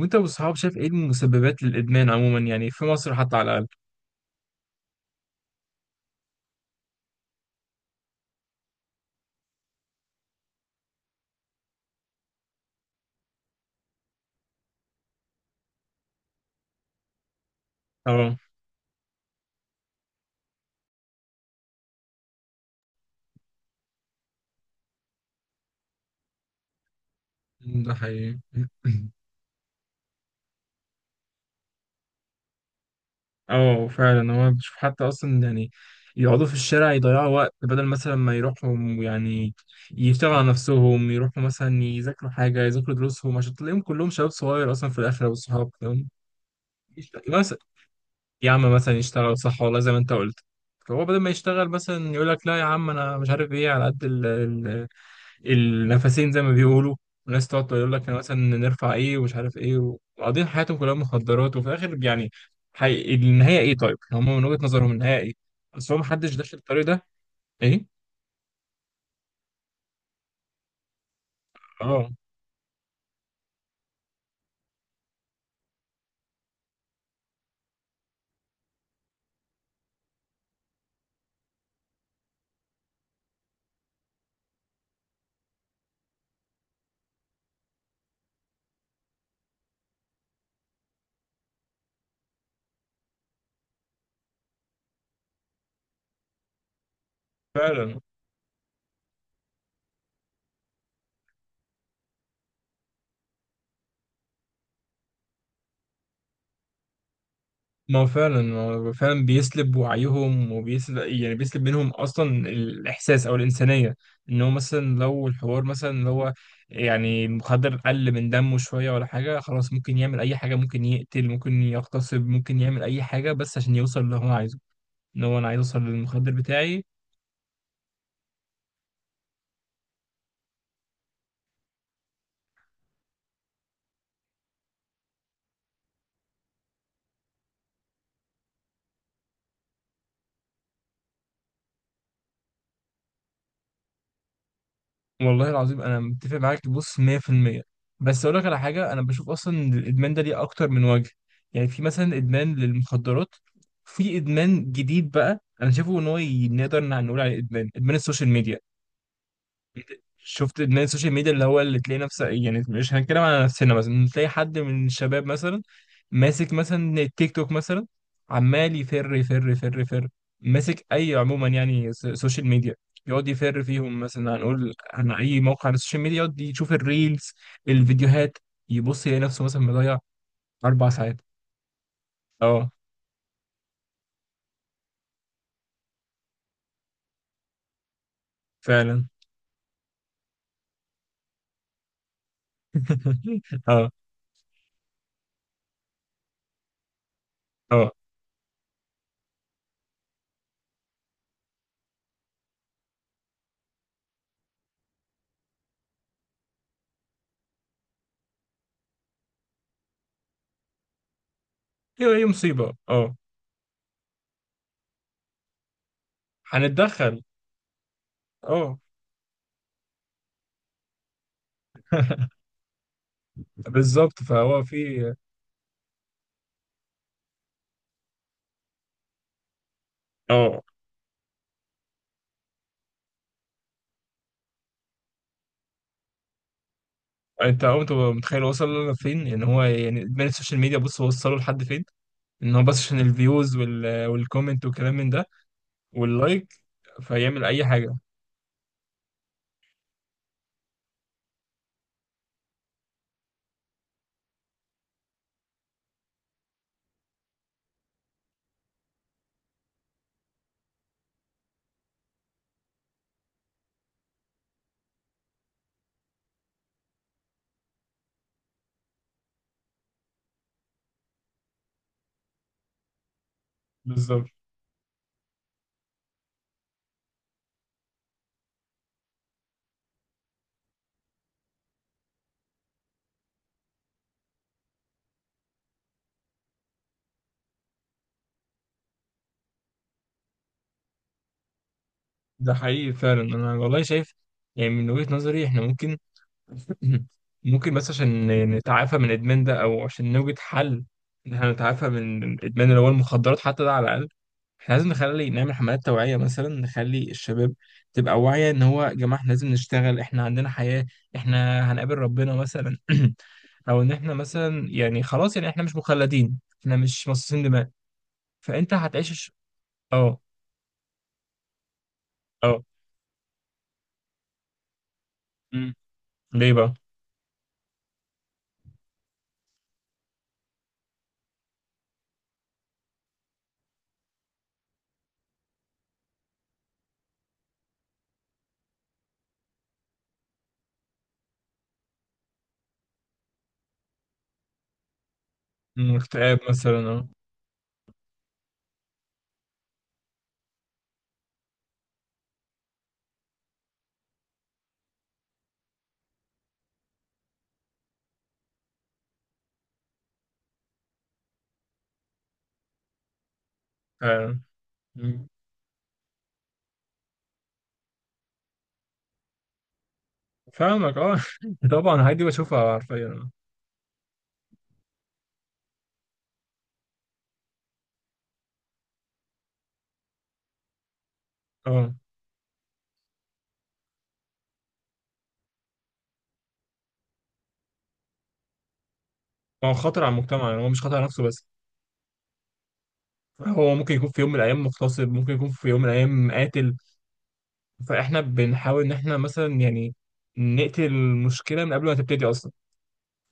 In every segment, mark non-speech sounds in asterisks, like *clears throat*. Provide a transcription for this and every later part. وانت والصحاب شايف ايه المسببات للادمان عموما في مصر حتى على الاقل. اه، ده حقيقي. اه فعلا، هو بشوف حتى اصلا، يقعدوا في الشارع يضيعوا وقت بدل مثلا ما يروحوا، يعني يشتغلوا على نفسهم، يروحوا مثلا يذاكروا حاجه، يذاكروا دروسهم، عشان تلاقيهم كلهم شباب صغير اصلا في الاخر. والصحاب تمام مثلا، يا عم مثلا يشتغل صح، والله زي ما انت قلت. فهو بدل ما يشتغل مثلا يقول لك لا يا عم انا مش عارف ايه، على قد النفسين زي ما بيقولوا. وناس تقعد تقول لك أنا مثلا نرفع ايه ومش عارف ايه، وقاضيين حياتهم كلها مخدرات، وفي الاخر النهايه ايه طيب؟ هم من وجهة نظرهم النهايه ايه؟ اصل هو محدش داخل الطريق ده. ايه؟ اه فعلا. ما هو فعلا، هو فعلا بيسلب وعيهم، وبيسلب بيسلب منهم اصلا الاحساس او الانسانيه. ان هو مثلا لو الحوار مثلا اللي هو المخدر قل من دمه شويه ولا حاجه، خلاص ممكن يعمل اي حاجه، ممكن يقتل، ممكن يغتصب، ممكن يعمل اي حاجه بس عشان يوصل اللي هو عايزه. ان هو انا عايز اوصل للمخدر بتاعي. والله العظيم انا متفق معاك بص 100%. بس اقول لك على حاجه، انا بشوف اصلا إن الادمان ده ليه اكتر من وجه. في مثلا ادمان للمخدرات، في ادمان جديد بقى انا شايفه ان هو نقدر نقول عليه ادمان، ادمان السوشيال ميديا. شفت ان السوشيال ميديا اللي هو، اللي تلاقي نفسك، مش هنتكلم على نفسنا، مثلا تلاقي حد من الشباب مثلا ماسك مثلا التيك توك مثلا، عمال يفر، ماسك اي، عموما سوشيال ميديا، يقعد يفر فيهم. مثلا هنقول عن اي موقع على السوشيال ميديا، يقعد يشوف الريلز، الفيديوهات، يبص يلاقي نفسه مثلا مضيع اربع ساعات. اه فعلا. *laughs* اه. اه، ايوه، هي مصيبه اه. هنتدخل. اه. *laughs* بالظبط، فهو في. اه، انت عمرك تبقى متخيل وصل لفين؟ ان هو ادمان السوشيال ميديا بص وصله لحد فين، ان هو بس عشان الفيوز والكومنت والكلام من ده، واللايك، فيعمل اي حاجه. بالظبط. ده حقيقي فعلا، انا والله شايف من وجهه نظري احنا ممكن، *laughs* ممكن بس عشان نتعافى من الإدمان ده، أو عشان نوجد حل إن إحنا نتعافى من الإدمان اللي هو المخدرات حتى ده على الأقل. إحنا لازم نعمل حملات توعية، مثلا نخلي الشباب تبقى واعية. إن هو يا جماعة إحنا لازم نشتغل، إحنا عندنا حياة، إحنا هنقابل ربنا مثلا. *clears throat* أو إن إحنا مثلا خلاص إحنا مش مخلدين، إحنا مش مصاصين دماء. فأنت هتعيش أه. أه. مم. ليه بقى؟ مم، اكتئاب مثلا. أه فعلا. فاهمك اه. *laughs* طبعا الحاجات دي بشوفها حرفيا. اه، هو خطر على المجتمع، هو مش خطر على نفسه بس، هو ممكن يكون في يوم من الايام مغتصب، ممكن يكون في يوم من الايام قاتل. فاحنا بنحاول ان احنا مثلا نقتل المشكله من قبل ما تبتدي اصلا،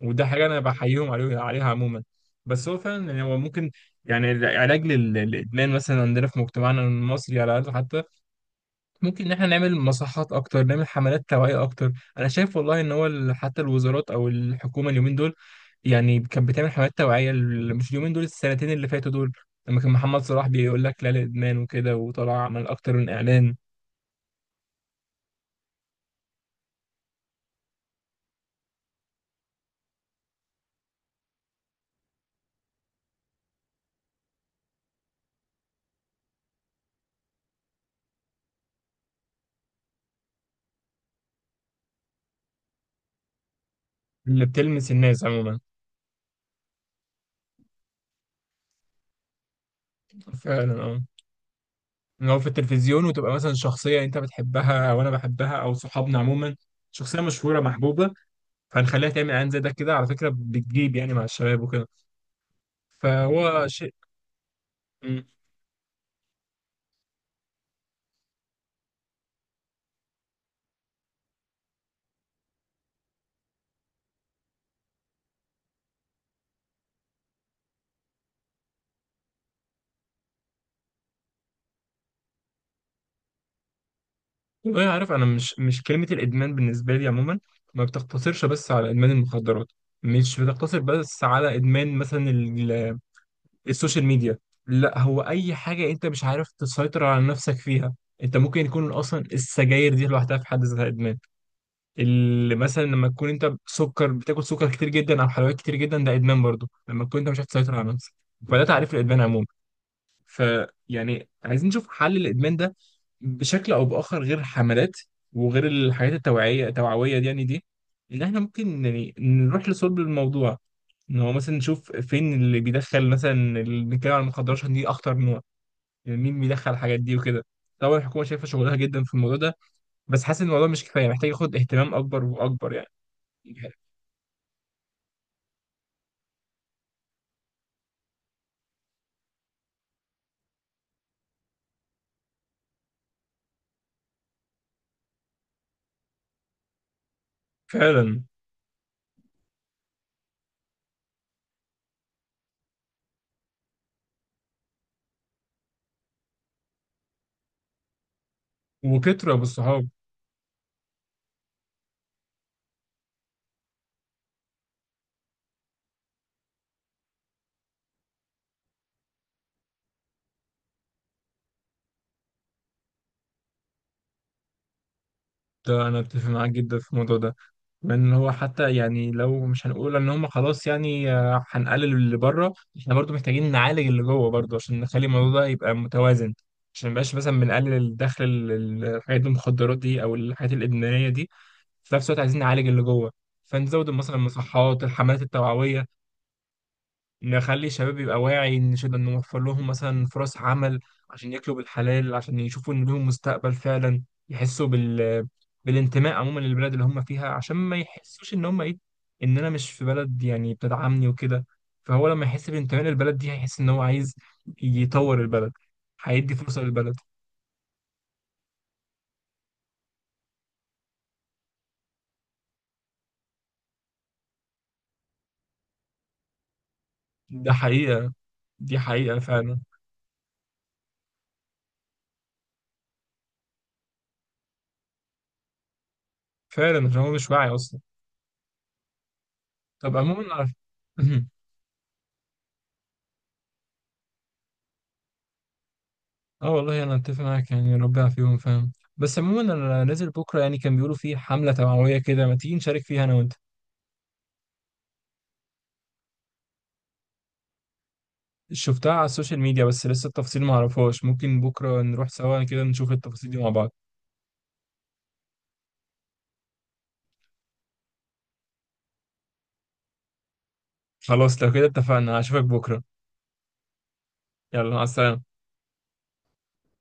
وده حاجه انا بحييهم عليها عموما. بس هو فعلا هو ممكن، العلاج للادمان مثلا عندنا في مجتمعنا المصري على الاقل حتى، ممكن ان احنا نعمل مصحات اكتر، نعمل حملات توعية اكتر. انا شايف والله ان هو حتى الوزارات او الحكومة اليومين دول، كانت بتعمل حملات توعية مش اليومين دول، السنتين اللي فاتوا دول، لما كان محمد صلاح بيقول لك لا للادمان وكده، وطلع عمل اكتر من اعلان. اللي بتلمس الناس عموما. فعلا اه. ان هو في التلفزيون، وتبقى مثلا شخصية انت بتحبها او انا بحبها او صحابنا عموما، شخصية مشهورة محبوبة، فهنخليها تعمل اعلان زي ده كده على فكرة، بتجيب مع الشباب وكده. فهو شيء. إمم. والله عارف، انا مش، مش كلمه الادمان بالنسبه لي عموما ما بتقتصرش بس على ادمان المخدرات، مش بتقتصر بس على ادمان مثلا السوشيال ميديا. لا، هو اي حاجه انت مش عارف تسيطر على نفسك فيها. انت ممكن يكون اصلا السجاير دي لوحدها في حد ذاتها ادمان. اللي مثلا لما تكون انت سكر بتاكل سكر كتير جدا او حلويات كتير جدا، ده ادمان برضه، لما تكون انت مش عارف تسيطر على نفسك. فده تعريف الادمان عموما. عايزين نشوف حل الادمان ده بشكل او باخر، غير الحملات وغير الحاجات التوعويه دي. ان احنا ممكن نروح لصلب الموضوع، ان هو مثلا نشوف فين اللي بيدخل مثلا، اللي بنتكلم عن المخدرات عشان دي اخطر نوع، مين بيدخل الحاجات دي وكده. طبعا الحكومه شايفه شغلها جدا في الموضوع ده، بس حاسس ان الموضوع مش كفايه، محتاج ياخد اهتمام اكبر واكبر يعني. فعلا. وكترة بالصحاب. ده انا اتفق معاك جدا في الموضوع ده. من هو حتى، لو مش هنقول ان هم خلاص، آه، هنقلل اللي بره، احنا برضو محتاجين نعالج اللي جوه برضو، عشان نخلي الموضوع ده يبقى متوازن. عشان مبقاش مثلا بنقلل الدخل الحاجات المخدرات دي او الحاجات الادمانيه دي، في نفس الوقت عايزين نعالج اللي جوه. فنزود مثلا المصحات، الحملات التوعويه، نخلي الشباب يبقى واعي، نوفر لهم مثلا فرص عمل عشان ياكلوا بالحلال، عشان يشوفوا ان لهم مستقبل فعلا، يحسوا بال، بالانتماء عموما للبلد اللي هم فيها، عشان ما يحسوش ان هم ايه، ان انا مش في بلد بتدعمني وكده. فهو لما يحس بانتماء للبلد دي، هيحس ان هو عايز يطور البلد، هيدي فرصة للبلد. ده حقيقة. دي حقيقة فعلا. فعلا، عشان هو مش واعي اصلا. طب عموما *clears throat* *laughs* اه والله انا اتفق معاك، ربنا يعافيهم، فاهم. بس عموما انا نازل بكره، يعني كان بيقولوا في حمله توعويه كده، ما تيجي نشارك فيها انا وانت. شفتها على السوشيال ميديا بس لسه التفاصيل ما اعرفهاش، ممكن بكره نروح سوا كده نشوف التفاصيل دي مع بعض. خلاص لو كده اتفقنا، هشوفك بكره. يلا، مع السلامه.